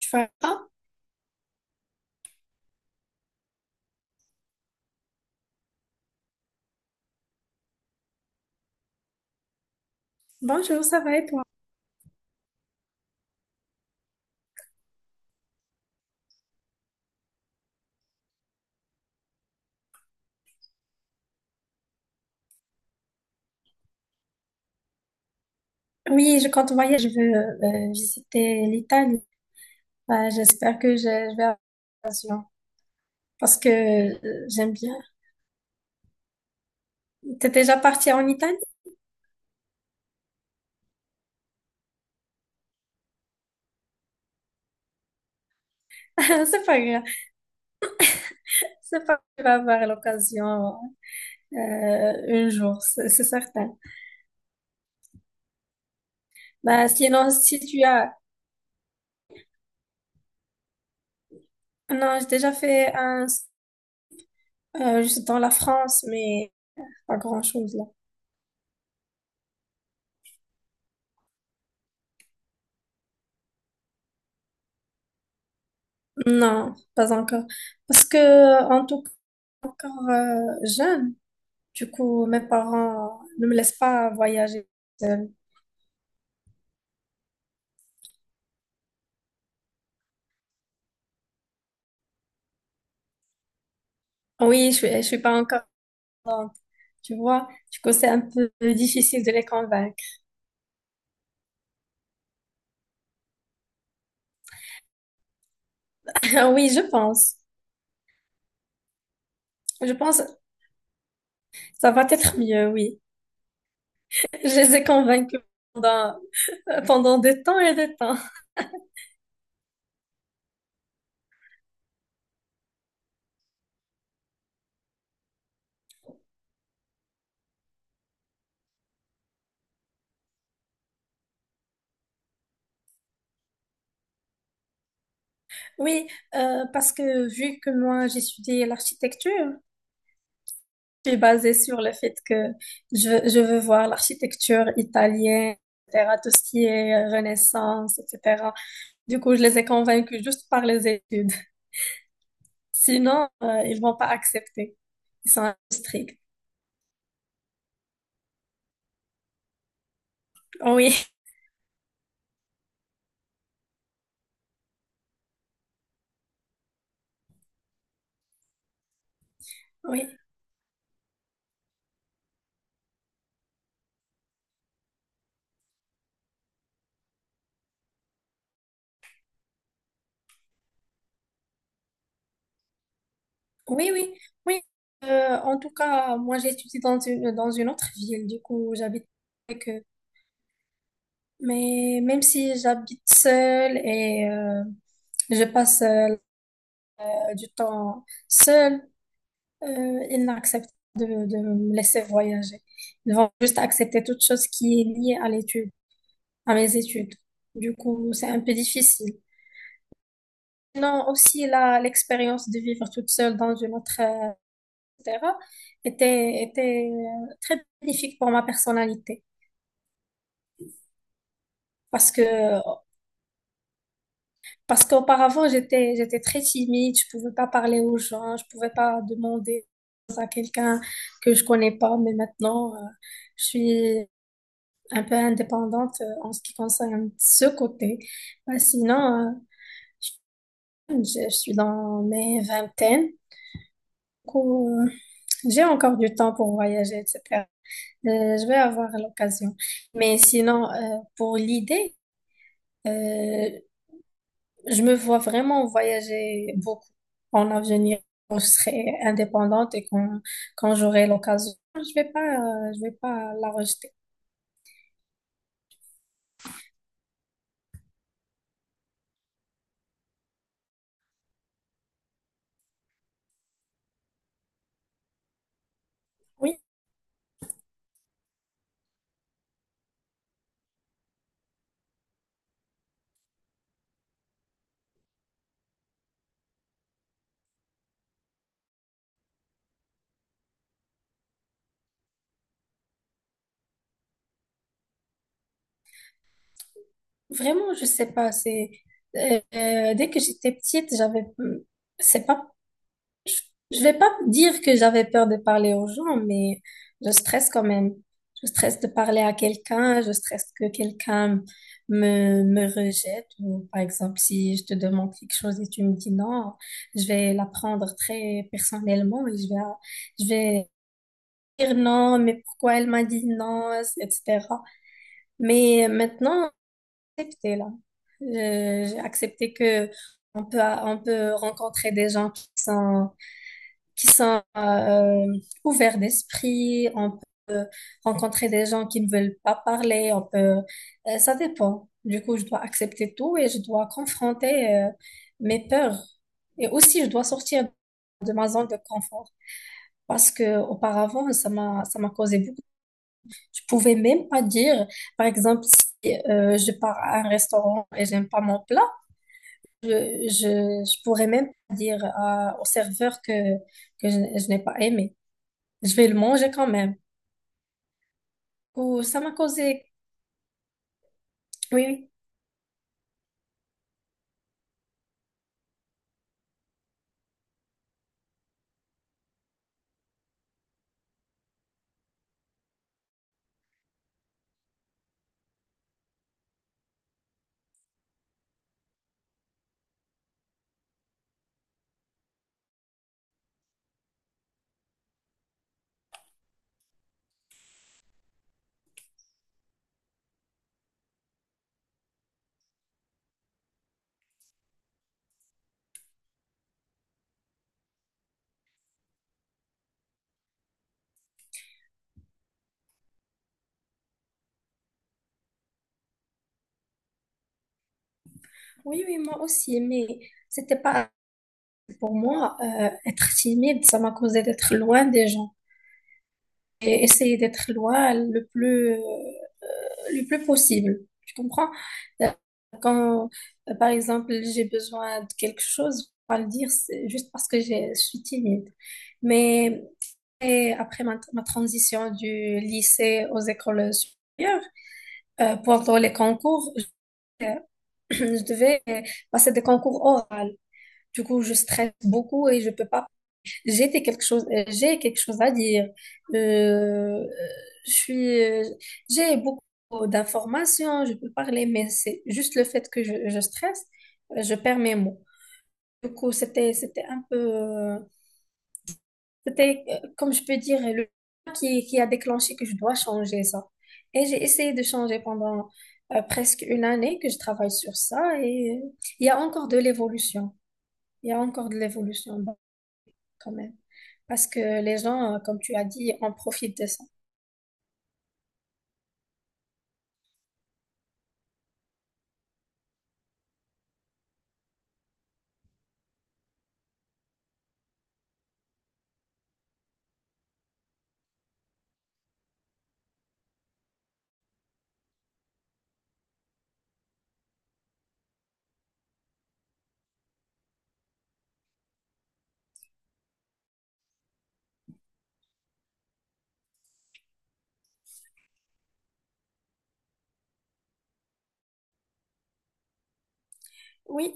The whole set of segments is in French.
Tu vas bien. Bonjour, ça va et toi? Oui, je compte voyager. Je veux visiter l'Italie. Bah, j'espère que je vais avoir l'occasion parce que j'aime bien. T'es déjà parti en Italie? C'est pas grave. C'est pas grave, tu vas avoir l'occasion euh, un jour, c'est certain. Bah, sinon, si tu as... Non, j'ai déjà fait un... juste dans la France, mais pas grand-chose là. Non, pas encore. Parce que, en tout cas, encore jeune. Du coup, mes parents ne me laissent pas voyager seule. Ah oui, je suis pas encore grande, tu vois. Du coup, c'est un peu difficile de les convaincre. Oui, je pense. Je pense que ça va être mieux, oui. Je les ai convaincus pendant, pendant des temps et des temps. Oui, parce que vu que moi, j'étudie l'architecture, je suis basée sur le fait que je veux voir l'architecture italienne, etc., tout ce qui est Renaissance, etc. Du coup, je les ai convaincus juste par les études. Sinon, ils vont pas accepter. Ils sont stricts. Oh oui. Oui, oui, oui, oui. En tout cas, moi, j'étudie dans une autre ville. Du coup, j'habite avec eux. Mais même si j'habite seule et je passe du temps seule, ils n'acceptent de me laisser voyager. Ils vont juste accepter toute chose qui est liée à l'étude, à mes études. Du coup, c'est un peu difficile. Sinon, aussi, là, l'expérience de vivre toute seule dans une autre, etc., était très bénéfique pour ma personnalité. Parce que, parce qu'auparavant, j'étais très timide, je pouvais pas parler aux gens, je pouvais pas demander à quelqu'un que je connais pas, mais maintenant, je suis un peu indépendante en ce qui concerne ce côté. Bah, sinon, je suis dans mes vingtaines, du coup, j'ai encore du temps pour voyager, etc. Je vais avoir l'occasion. Mais sinon, pour l'idée, euh, je me vois vraiment voyager beaucoup en avenir. Quand je serai indépendante et quand j'aurai l'occasion, je vais pas la rejeter. Oui, vraiment, je sais pas. C'est dès que j'étais petite, j'avais, c'est pas... Je vais pas dire que j'avais peur de parler aux gens, mais je stresse quand même. Je stresse de parler à quelqu'un, je stresse que quelqu'un me rejette, ou par exemple, si je te demande quelque chose et tu me dis non, je vais la prendre très personnellement et je vais dire non, mais pourquoi elle m'a dit non, etc. Mais maintenant, j'ai accepté là. J'ai accepté que on peut rencontrer des gens qui sont ouverts d'esprit. On peut rencontrer des gens qui ne veulent pas parler. On peut, ça dépend. Du coup, je dois accepter tout et je dois confronter mes peurs. Et aussi, je dois sortir de ma zone de confort. Parce que auparavant, ça m'a causé beaucoup. Je pouvais même pas dire, par exemple, si je pars à un restaurant et j'aime pas mon plat, je pourrais même pas dire au serveur que je n'ai pas aimé. Je vais le manger quand même. Oh, ça m'a causé. Oui, oui, oui, oui, moi aussi, mais c'était pas... Pour moi être timide, ça m'a causé d'être loin des gens et essayer d'être loin le plus possible. Tu comprends? Euh, Quand, Par exemple, j'ai besoin de quelque chose, je vais pas le dire, c'est juste parce que je suis timide. Mais et après ma transition du lycée aux écoles supérieures, pendant les concours, je devais passer des concours oraux. Du coup, je stresse beaucoup et je peux pas. J'étais quelque chose, j'ai quelque chose à dire. Euh, je suis, euh, j'ai beaucoup d'informations, je peux parler, mais c'est juste le fait que je stresse, je perds mes mots. Du coup, c'était un peu, comme je peux dire, le qui a déclenché que je dois changer ça. Et j'ai essayé de changer pendant presque une année que je travaille sur ça et il y a encore de l'évolution. Il y a encore de l'évolution, bon, quand même. Parce que les gens, comme tu as dit, en profitent de ça. Oui,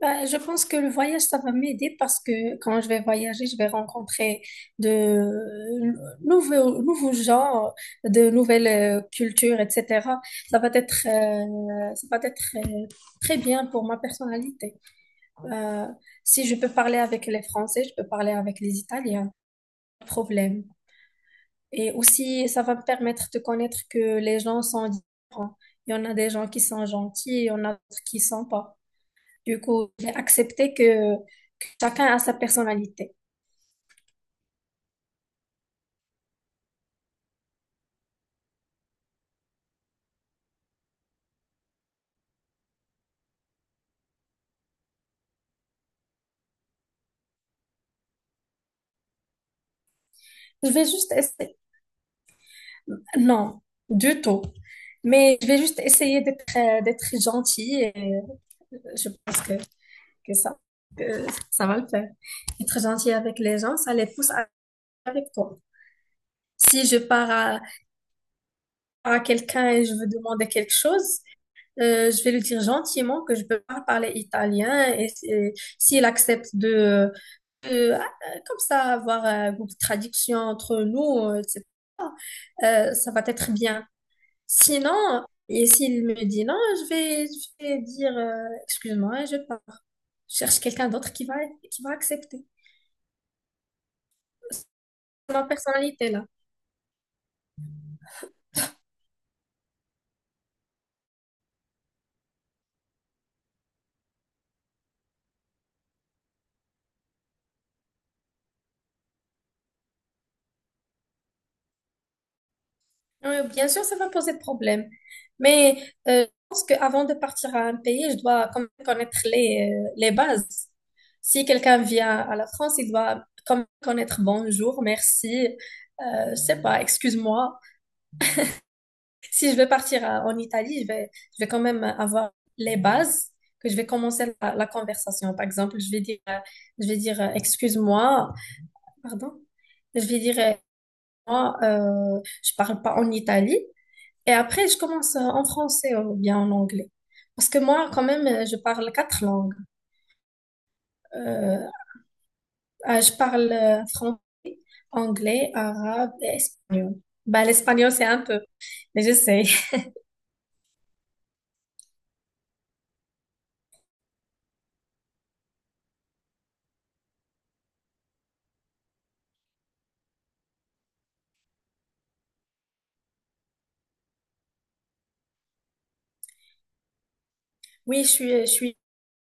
bah, je pense que le voyage, ça va m'aider parce que quand je vais voyager, je vais rencontrer de nouveaux genres, de nouvelles cultures, etc. Ça va être très bien pour ma personnalité. Euh, Si je peux parler avec les Français, je peux parler avec les Italiens, pas de problème. Et aussi, ça va me permettre de connaître que les gens sont différents. Il y en a des gens qui sont gentils, il y en a d'autres qui sont pas. Du coup, j'ai accepté que chacun a sa personnalité. Je vais juste essayer. Non, du tout. Mais je vais juste essayer d'être gentille et je pense que ça, que ça va le faire. Être gentil avec les gens, ça les pousse avec toi. Si je pars à quelqu'un et je veux demander quelque chose, je vais lui dire gentiment que je peux pas parler italien et s'il accepte de- ah, comme ça avoir une traduction entre nous, ça va être bien. Sinon, et s'il me dit non, je vais dire excuse-moi, je pars. Je cherche quelqu'un d'autre qui va accepter ma personnalité là. Oui, bien sûr, ça va poser problème. Mais je pense qu'avant de partir à un pays, je dois quand même connaître les bases. Si quelqu'un vient à la France, il doit quand même connaître bonjour, merci, je sais pas, excuse-moi. Si je vais partir en Italie, je vais quand même avoir les bases, que je vais commencer la conversation. Par exemple, je vais dire, excuse-moi, pardon, je vais dire, moi, je parle pas en Italie. Et après, je commence en français ou bien en anglais. Parce que moi, quand même, je parle quatre langues. Euh, je parle anglais, arabe et espagnol. Bah, l'espagnol, c'est un peu, mais j'essaie. Oui,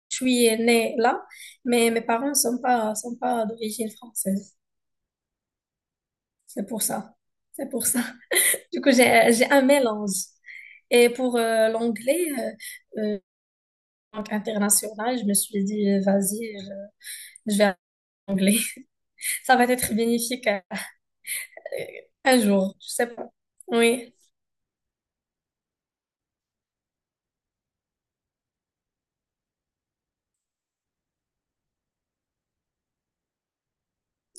je suis née là, mais mes parents ne sont pas, sont pas d'origine française. C'est pour ça. C'est pour ça. Du coup, j'ai un mélange. Et pour l'anglais, euh, euh, en tant qu'international, je me suis dit, vas-y, je vais à l'anglais. Ça va être bénéfique un jour, je sais pas. Oui.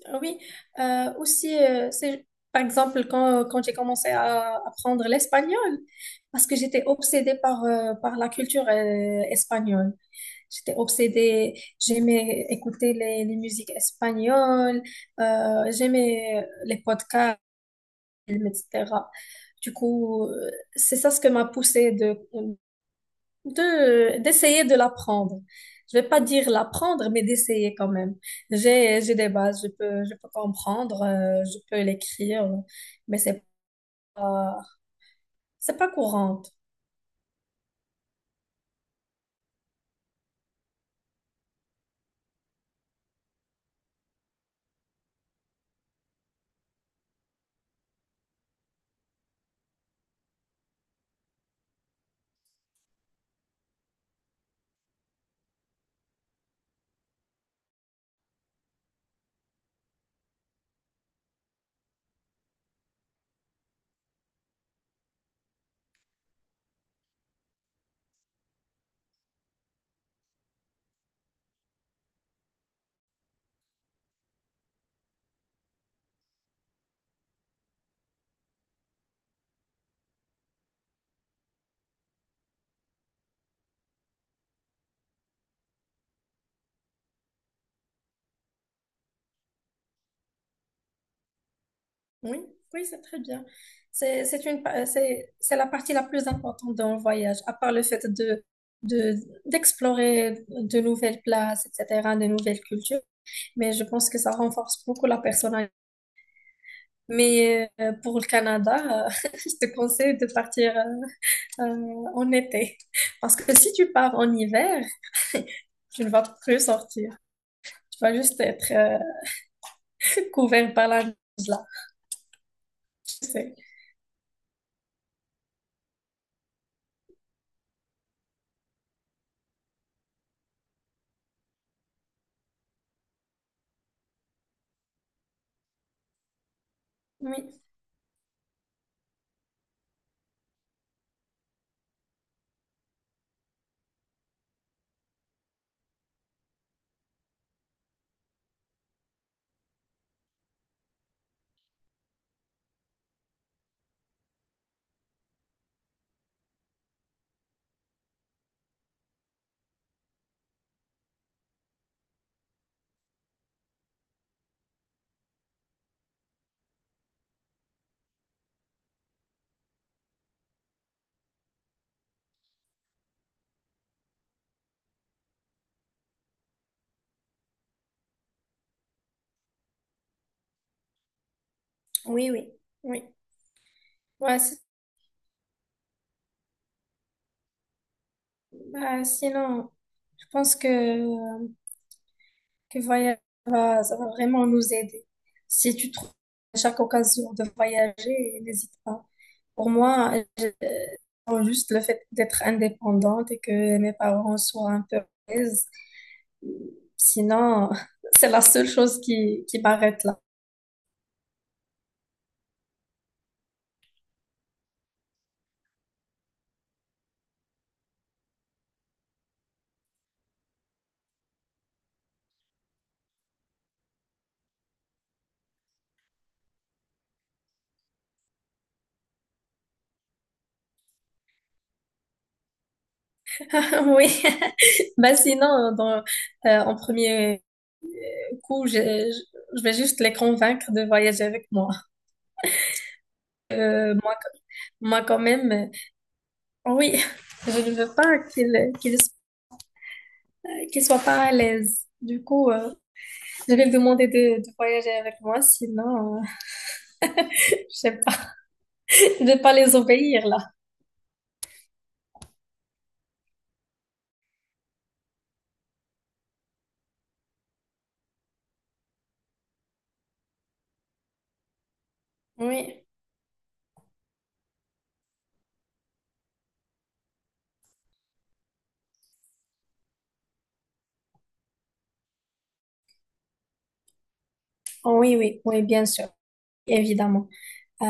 Ah oui. Euh, aussi, euh, c'est, Par exemple, quand j'ai commencé à apprendre l'espagnol, parce que j'étais obsédée par, par la culture espagnole. J'étais obsédée, j'aimais écouter les musiques espagnoles, j'aimais les podcasts, etc. Du coup, c'est ça ce que m'a poussée de d'essayer de l'apprendre. Je vais pas dire l'apprendre, mais d'essayer quand même. J'ai des bases, je peux comprendre, je peux l'écrire, mais c'est pas... C'est pas courante. Oui, oui, c'est très bien. C'est une, pa- C'est la partie la plus importante d'un voyage, à part le fait de, d'explorer de nouvelles places, etc., de nouvelles cultures. Mais je pense que ça renforce beaucoup la personnalité. Mais pour le Canada, je te conseille de partir euh, en été. Parce que si tu pars en hiver, tu ne vas plus sortir. Tu vas juste être couvert par la neige, sais. Oui, oui, oui, oui. Ouais, c'est... Bah, sinon, je pense que voyager ça va vraiment nous aider. Si tu trouves à chaque occasion de voyager, n'hésite pas. Pour moi, juste le fait d'être indépendante et que mes parents soient un peu à l'aise. Sinon, c'est la seule chose qui m'arrête là. Oui. Bah sinon, en premier coup, je vais juste les convaincre de voyager avec moi. Euh, moi, Moi quand même, oui, je ne veux pas qu'ils soient pas à l'aise. Du coup, je vais lui demander de voyager avec moi, sinon, je sais pas, je vais pas les obéir là. Oui, oui, oui, oui, bien sûr, évidemment. Euh,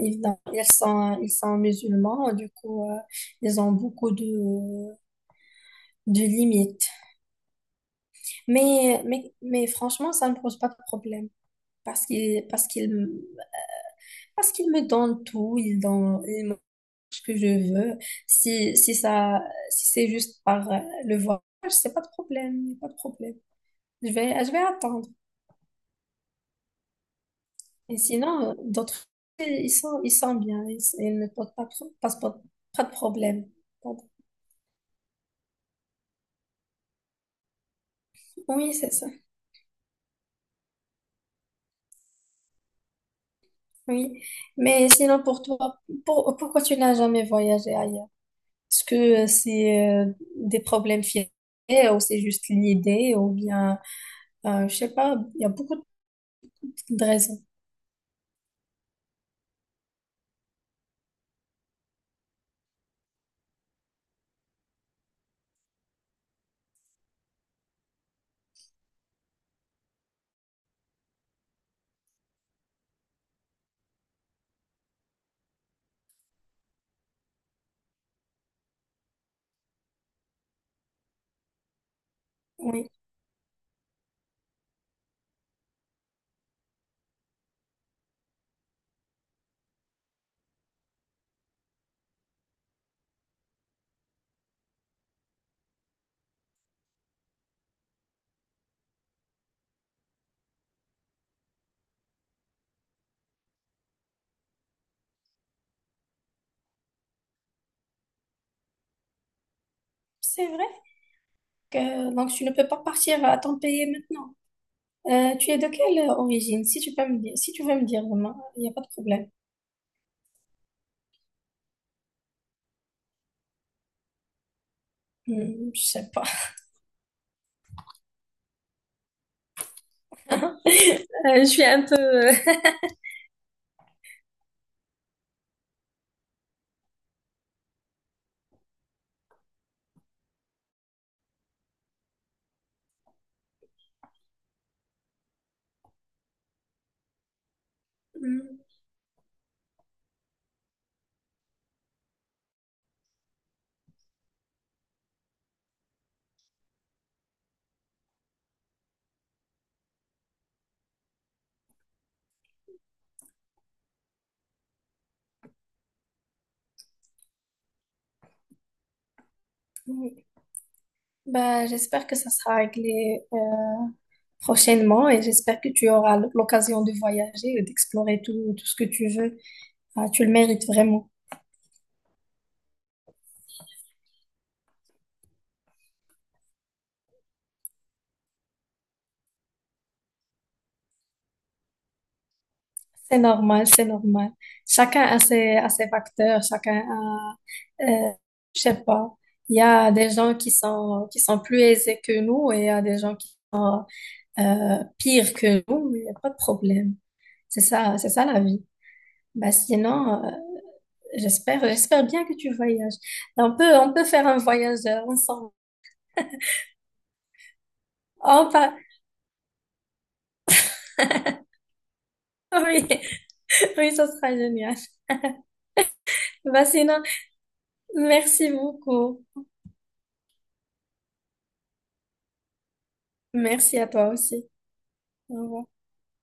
ils, Ils sont, ils sont musulmans, du coup, ils ont beaucoup de limites. Mais franchement, ça ne pose pas de problème parce qu'ils parce qu'ils parce qu'ils me donnent tout, ils me donnent ce que je veux. Si, si ça, Si c'est juste par le voyage, c'est pas de problème, y a pas de problème. Je vais attendre. Et sinon, ils sont bien, ils ne posent pas de problème. Oui, c'est ça. Oui, mais sinon pour toi, pourquoi tu n'as jamais voyagé ailleurs? Est-ce que c'est des problèmes financiers ou c'est juste l'idée ou bien, je sais pas, il y a beaucoup de raisons. Oui, c'est vrai que donc tu ne peux pas partir à ton pays maintenant. Tu es de quelle origine? Si tu peux me dire, si tu veux me dire, vraiment, il n'y a pas de problème. Hmm, je sais pas. Je suis un peu... Hmm, oui. Bah, j'espère que ça sera réglé prochainement et j'espère que tu auras l'occasion de voyager et d'explorer tout ce que tu veux. Ah, tu le mérites vraiment. C'est normal, c'est normal. Chacun a a ses facteurs, chacun a, euh, je sais pas, il y a des gens qui sont plus aisés que nous et il y a des gens qui sont pires que nous, mais il n'y a pas de problème. C'est ça la vie. Bah, sinon, j'espère bien que tu voyages. On peut faire un voyage ensemble. On pas... Oui. Oui, ça sera génial. Bah, sinon, merci beaucoup. Merci à toi aussi. Au revoir.